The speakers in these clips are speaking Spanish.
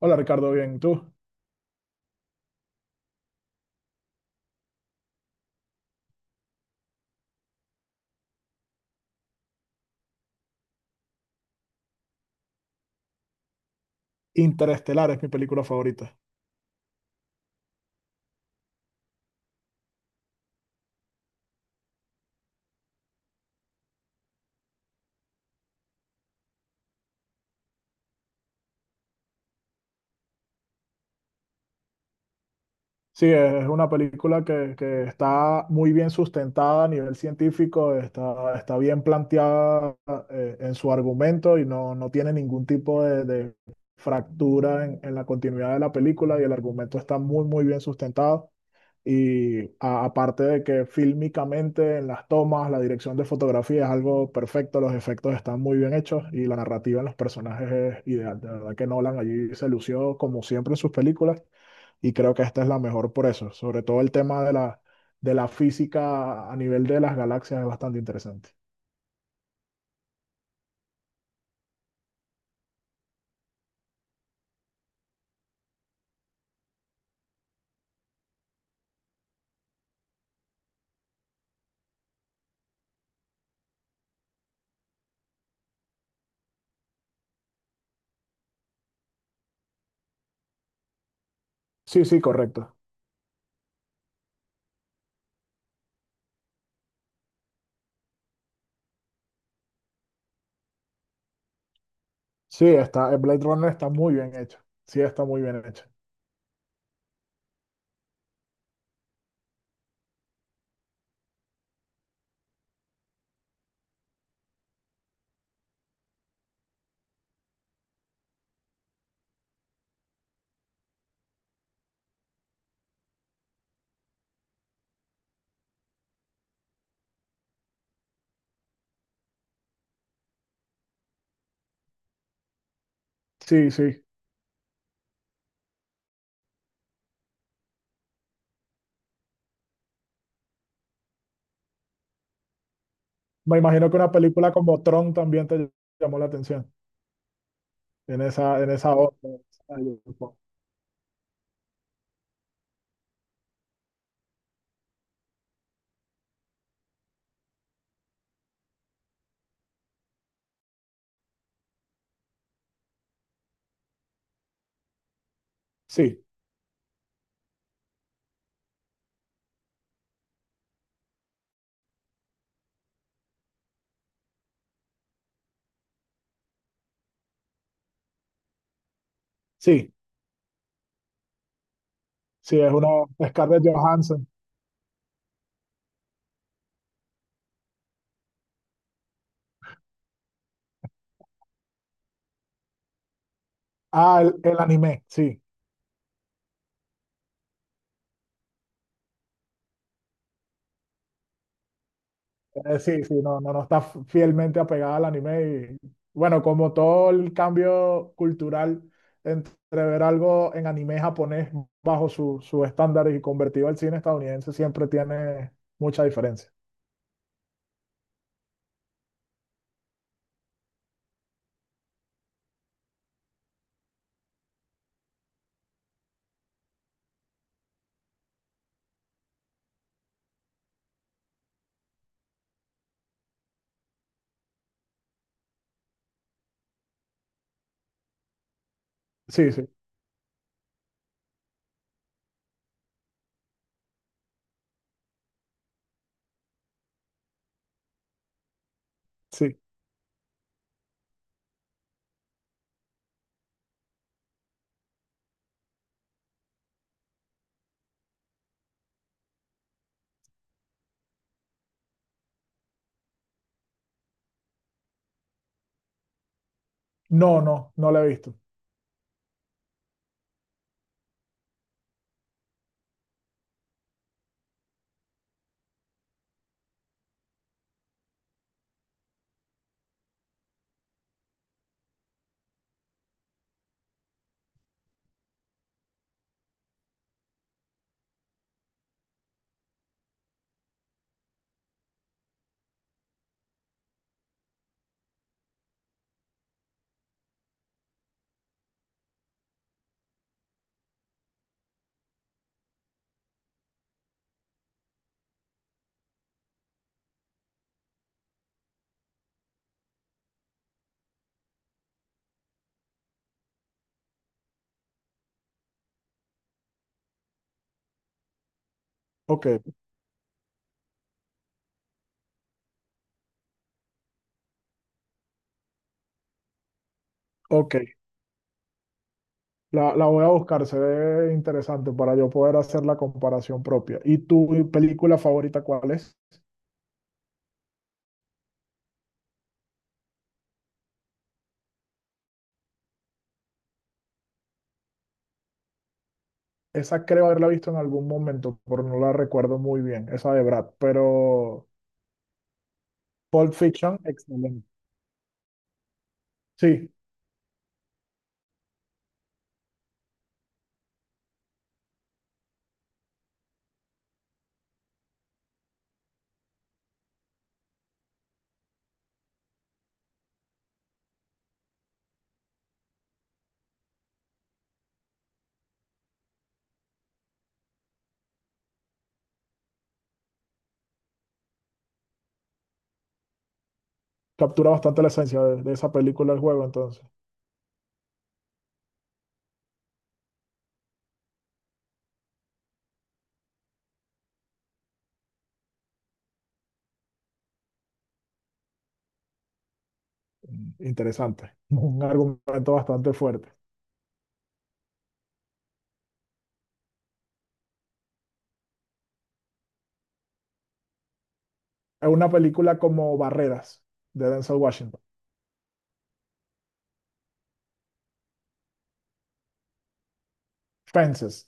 Hola Ricardo, bien, ¿y tú? Interestelar es mi película favorita. Sí, es una película que está muy bien sustentada a nivel científico, está bien planteada en su argumento y no tiene ningún tipo de fractura en la continuidad de la película y el argumento está muy, muy bien sustentado. Y aparte de que fílmicamente en las tomas, la dirección de fotografía es algo perfecto, los efectos están muy bien hechos y la narrativa en los personajes es ideal. De verdad que Nolan allí se lució como siempre en sus películas y creo que esta es la mejor por eso. Sobre todo el tema de de la física a nivel de las galaxias es bastante interesante. Sí, sí, correcto. Sí, el Blade Runner está muy bien hecho. Sí, está muy bien hecho. Sí, sí. Me imagino que una película como Tron también te llamó la atención en esa onda. Sí, sí, sí, es una Scarlett Johansson. Ah, el anime, sí. Sí, sí, no, no está fielmente apegada al anime. Y bueno, como todo el cambio cultural entre ver algo en anime japonés bajo sus estándares y convertido al cine estadounidense, siempre tiene mucha diferencia. Sí, sí, sí. No, no, no la he visto. Ok, ok. La voy a buscar, se ve interesante para yo poder hacer la comparación propia. ¿Y tu película favorita cuál es? Esa creo haberla visto en algún momento, pero no la recuerdo muy bien, esa de Brad, pero Pulp Fiction, excelente. Sí, captura bastante la esencia de esa película del juego, entonces, mm, interesante. Un argumento bastante fuerte. Es una película como Barreras, de Denzel Washington. Fences,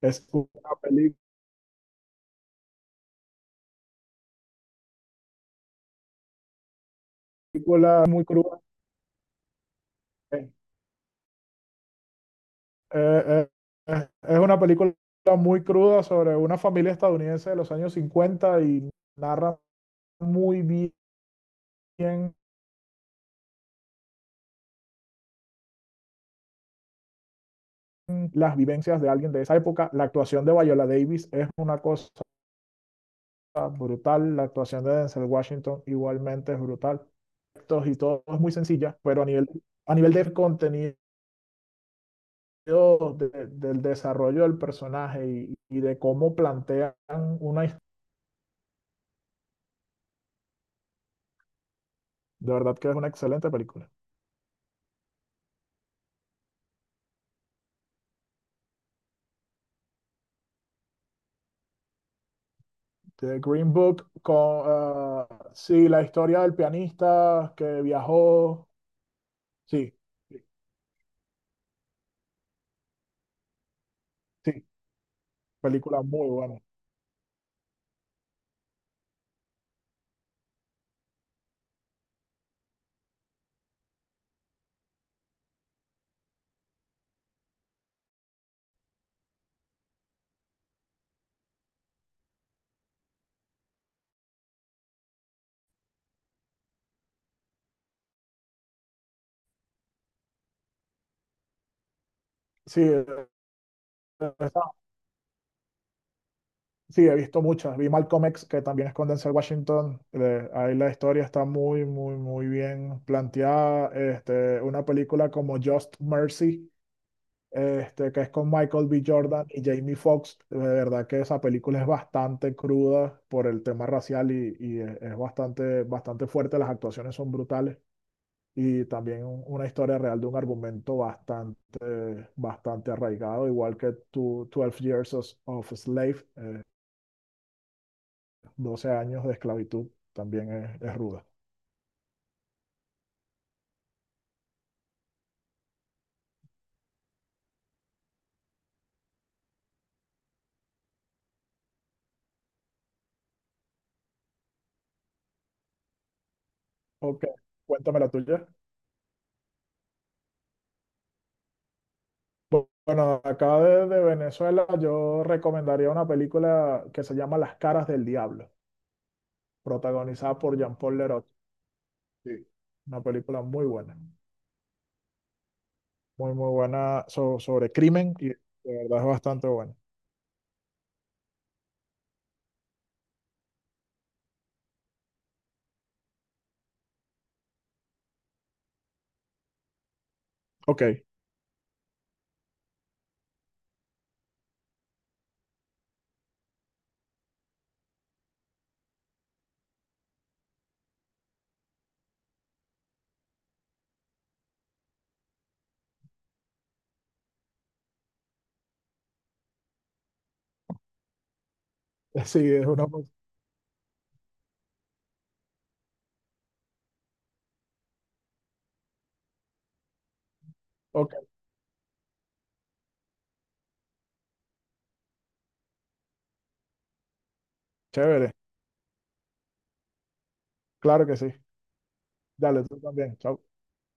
es una película muy cruda. eh, eh, es una película muy cruda sobre una familia estadounidense de los años 50 y narra muy bien las vivencias de alguien de esa época. La actuación de Viola Davis es una cosa brutal. La actuación de Denzel Washington igualmente es brutal. Y todo es muy sencilla, pero a nivel de contenido, del desarrollo del personaje y de cómo plantean una historia, de verdad que es una excelente película. The Green Book, con, uh, sí, la historia del pianista que viajó, sí, sí, película muy buena. Sí, esa. Sí, he visto muchas. Vi Malcolm X, que también es con Denzel Washington. Ahí la historia está muy, muy, muy bien planteada. Este, una película como Just Mercy, este, que es con Michael B. Jordan y Jamie Foxx. De verdad que esa película es bastante cruda por el tema racial y es bastante, bastante fuerte. Las actuaciones son brutales y también una historia real de un argumento bastante, bastante arraigado, igual que Twelve Years of a Slave. Doce años de esclavitud también es ruda. Ok, cuéntame la tuya. Bueno, acá de Venezuela yo recomendaría una película que se llama Las caras del diablo, protagonizada por Jean-Paul Leroy. Sí. Una película muy buena, muy muy buena sobre crimen y de verdad es bastante buena. Ok, sí, es una... Ok, chévere, claro que sí. Dale, tú también, chao.